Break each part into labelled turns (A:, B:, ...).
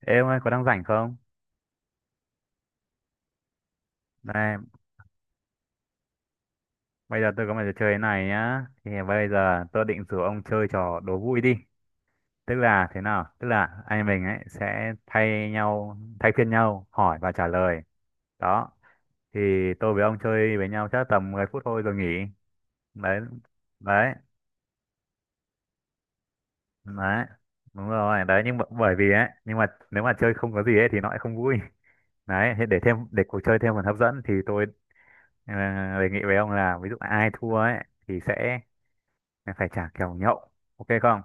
A: Ê ông ơi, có đang rảnh không? Này, bây giờ tôi có một trò chơi này nhá. Thì bây giờ tôi định rủ ông chơi trò đố vui đi. Tức là thế nào? Tức là anh mình ấy sẽ thay nhau, thay phiên nhau hỏi và trả lời. Đó. Thì tôi với ông chơi với nhau chắc tầm 10 phút thôi rồi nghỉ. Đấy. Đấy. Đấy. Đúng rồi. Đấy nhưng mà bởi vì ấy, nhưng mà nếu mà chơi không có gì ấy thì nó lại không vui. Đấy, thế để cuộc chơi thêm phần hấp dẫn thì tôi ờ, đề nghị với ông là ví dụ ai thua ấy thì sẽ. Mày phải trả kèo nhậu. Ok không?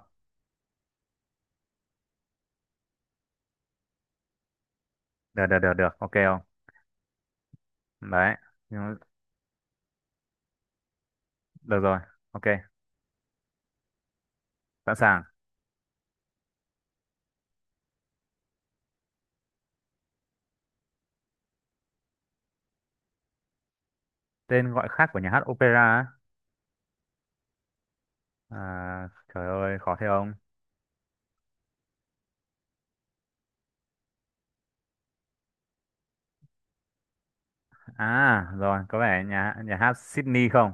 A: Được, được, được, được. Ok không? Đấy. Nhưng- Được rồi. Ok. Sẵn sàng. Tên gọi khác của nhà hát opera á? À, trời ơi, khó thế ông. À, rồi. Có vẻ nhà nhà hát Sydney không?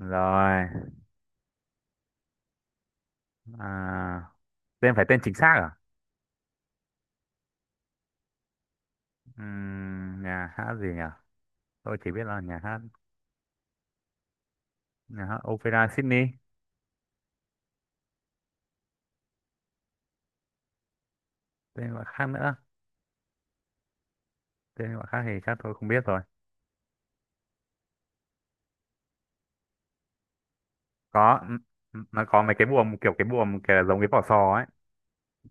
A: Rồi. À, tên chính xác à? Nhà hát gì nhỉ? Tôi chỉ biết là nhà hát opera Sydney. Tên gọi khác nữa. Tên gọi khác thì chắc tôi không biết rồi. Có. Nó có mấy cái buồm kiểu giống cái vỏ sò ấy.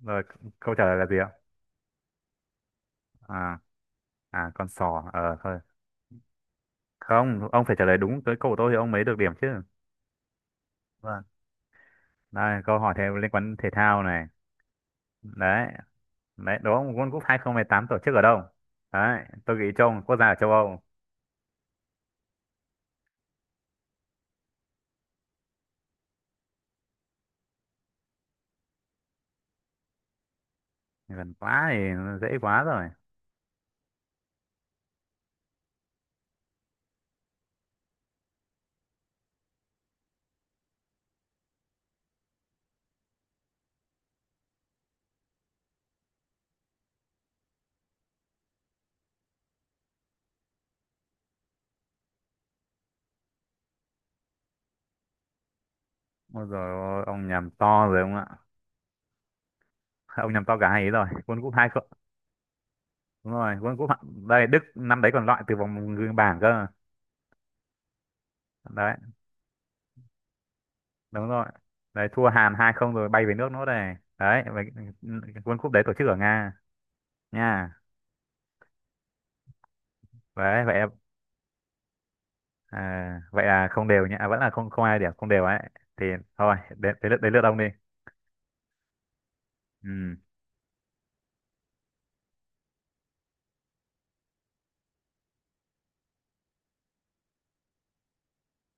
A: Rồi, câu trả lời là gì ạ? À, à, con sò. Ờ thôi. Không, ông phải trả lời đúng tới câu của tôi thì ông mới được điểm chứ. Vâng. Đây, câu hỏi thêm liên quan thể thao này. Đấy. Đấy, đó một World Cup 2018 tổ chức ở đâu? Đấy, tôi nghĩ một quốc gia ở châu Âu. Gần quá thì dễ quá rồi. Ôi dồi ôi, ông nhầm to rồi ông ạ. Ông nhầm to cả hai ý rồi. World Cup 2. Đúng rồi, World Cup đây Đức năm đấy còn loại từ vòng bảng cơ. Đấy, đúng rồi đấy, thua Hàn hai không rồi bay về nước nữa, đây đấy vậy. World Cup đấy tổ chức ở Nga nha. Đấy vậy. Vậy là không đều nhá. Vẫn là không không, ai điểm không đều ấy thì thôi. Đến đến lượt đến lượt ông đi. ừ,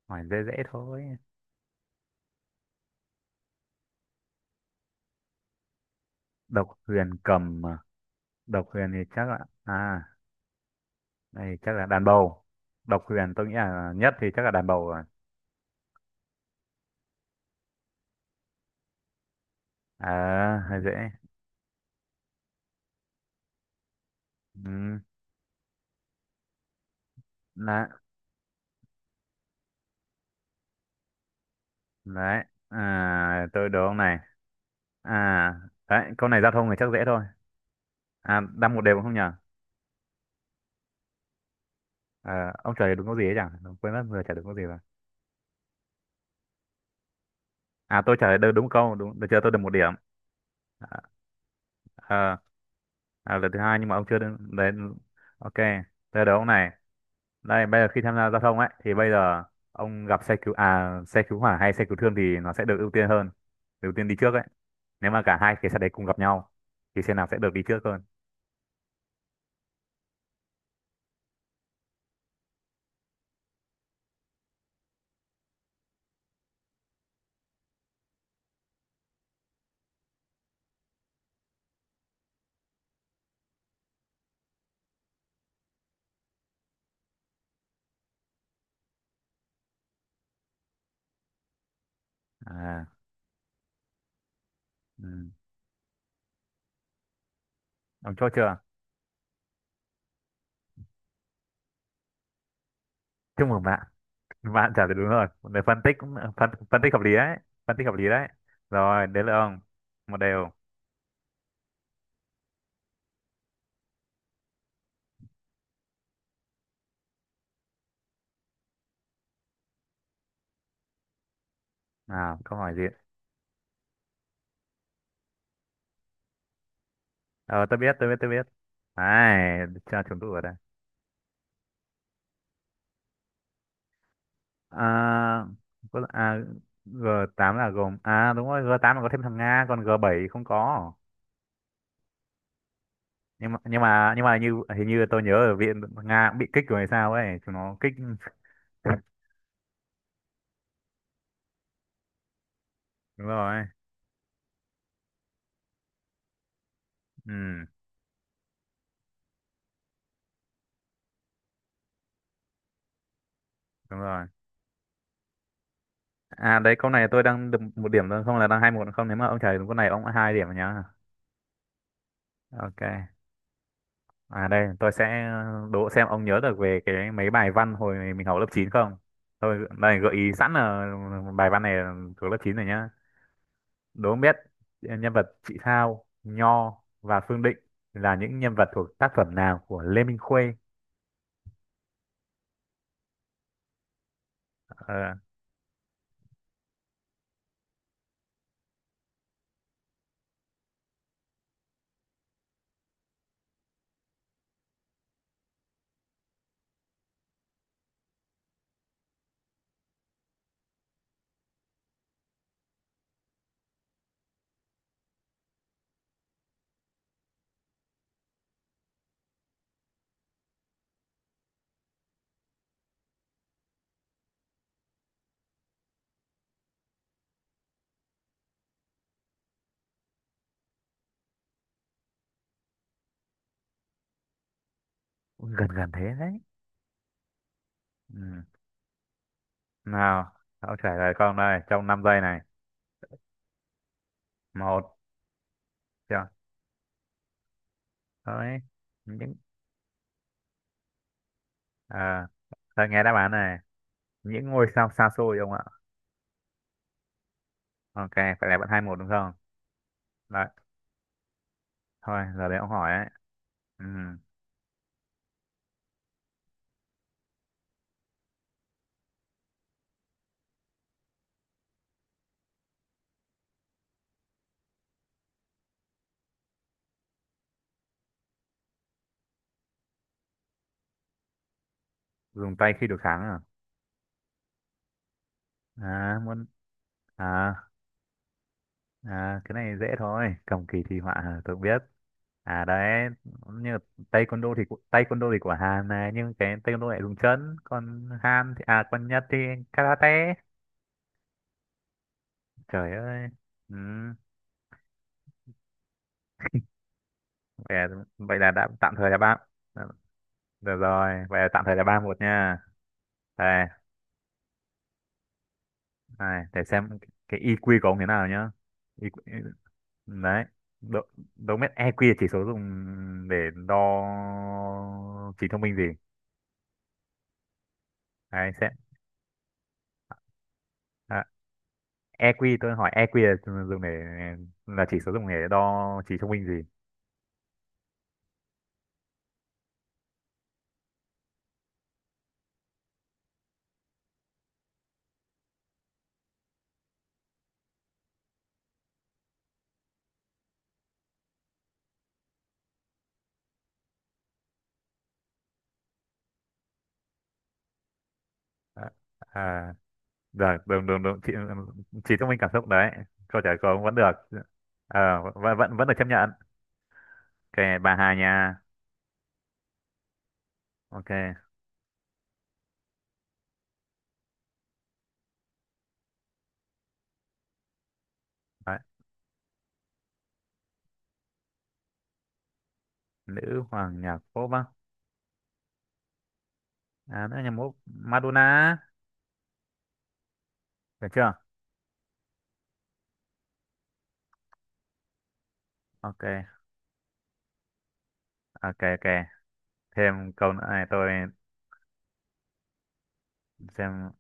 A: Hỏi dễ dễ thôi. Độc huyền cầm à? Độc huyền thì chắc là, à đây chắc là đàn bầu. Độc huyền tôi nghĩ là nhất thì chắc là đàn bầu rồi. Hơi dễ. ừ, là tôi đố ông này. à Đấy câu này giao thông thì chắc dễ thôi. Đang một đều không nhờ. Ông trả lời đúng câu gì ấy chẳng quên mất vừa trả lời đúng câu gì rồi. Tôi trả lời đúng đúng câu đúng được chưa, tôi được một điểm. à, à, Lần thứ hai nhưng mà ông chưa đến đấy. Ok, tôi đố ông này. Đây bây giờ khi tham gia giao thông ấy thì bây giờ ông gặp xe cứu hỏa hay xe cứu thương thì nó sẽ được ưu tiên hơn, được ưu tiên đi trước ấy, nếu mà cả hai cái xe đấy cùng gặp nhau thì xe nào sẽ được đi trước hơn? à Ừ. Ông chốt chưa? Chúc mừng bạn. Bạn trả lời đúng rồi. Một đề phân tích phân tích hợp lý đấy. Phân tích hợp lý đấy. Rồi, đến lượt ông. Một đều. À, câu hỏi gì? Ờ, tôi biết, tôi biết, tôi biết. Đấy, cho chúng tôi ở đây. À, có, g tám là gồm... À, đúng rồi, g tám là có thêm thằng Nga, còn g bảy không có. Nhưng mà hình như tôi nhớ ở viện Nga cũng bị kích rồi hay sao ấy. Chúng nó kích... Đúng rồi. Ừ, đúng rồi. Đấy câu này tôi đang được một điểm thôi không là đang hai một không, nếu mà ông trả đúng câu này ông đã hai điểm rồi nhá. Ok. Đây tôi sẽ đố xem ông nhớ được về cái mấy bài văn hồi mình học lớp chín không. Thôi đây gợi ý sẵn là bài văn này là thuộc lớp 9 rồi nhá. Đố ông biết nhân vật Chị Thao, Nho và Phương Định là những nhân vật thuộc tác phẩm nào của Lê Minh Khuê? Ờ, gần gần thế đấy. Ừ. Nào, ông trả lời con đây trong 5 giây này. Một, chưa? Đấy. Những À, thôi nghe đáp án này. Những ngôi sao xa xôi ông ạ. Ok, phải là bạn hai một đúng không? Đấy, thôi, giờ đấy ông hỏi ấy. Ừ, dùng tay khi đối kháng à? À, muốn... À, à, cái này dễ thôi. Cầm kỳ thi họa hả? Tôi cũng biết. Đấy, như là taekwondo thì của Hàn này, nhưng cái taekwondo lại dùng chân, còn Hàn thì à còn Nhật thì karate. Trời ơi. Ừ, vậy là, đã tạm thời là ba. ờ, Được rồi, vậy là tạm thời là ba một nha. Đây. Này để xem cái EQ của ông thế nào nhá. EQ, đấy độ độ mét EQ là chỉ số dùng để đo trí thông minh gì đấy sẽ à, EQ tôi hỏi EQ là chỉ số dùng để đo trí thông minh gì? À, à được được được, được. Trí, thông minh cảm xúc đấy, câu trả lời của ông vẫn được. Ờ, vẫn vẫn vẫn được chấp nhận. Ok, bà Hà nha. Ok đấy. Nữ hoàng nhạc pop á? À, nữ hoàng nhạc pop Madonna. Được chưa? Ok ok ok, thêm câu nữa này. Tôi xem,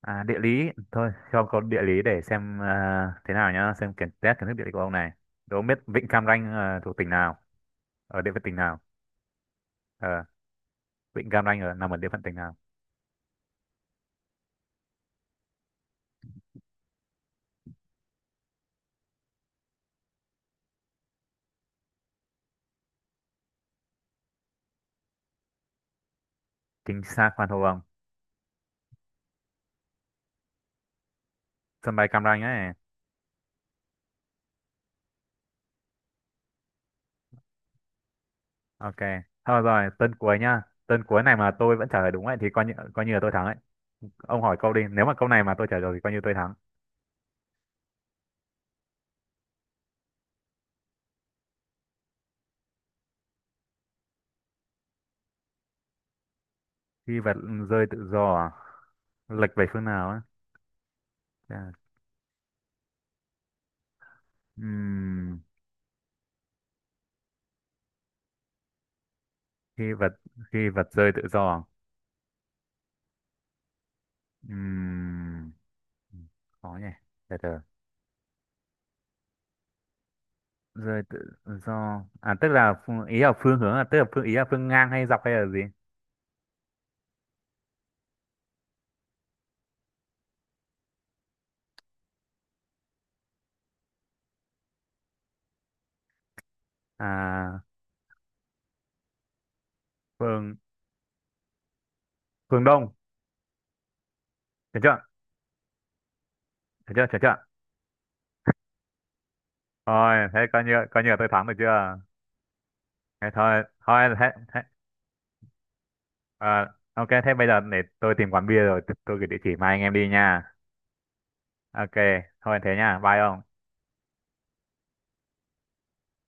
A: địa lý thôi, cho câu địa lý để xem thế nào nhá, xem test kiến thức địa lý của ông này. Đố ông biết vịnh Cam Ranh thuộc tỉnh nào, ở địa phận tỉnh nào? Ờ, vịnh Cam Ranh nằm ở địa phận tỉnh nào? Chính xác, khoan hô ông, sân bay Cam Ranh ấy. Ok thôi rồi, tên cuối nhá, tên cuối này mà tôi vẫn trả lời đúng ấy thì coi như là tôi thắng ấy. Ông hỏi câu đi, nếu mà câu này mà tôi trả lời thì coi như tôi thắng. Khi vật rơi tự do à? Lệch về phương nào ấy? Chà, ừm, khi vật khi vật rơi tự do à? Ừm, Khó nhỉ, từ từ, rơi tự do à, tức là phương, ý là phương hướng à, tức là ý là phương ngang hay dọc hay là gì? à phương phương đông, được chưa, được chưa, được chưa? Thôi thế coi như là tôi thắng được chưa. Thế thôi, thôi thế, thế ờ, ok thế bây giờ để tôi tìm quán bia rồi tôi gửi địa chỉ mai anh em đi nha. Ok. Thôi thế nha, bye ông.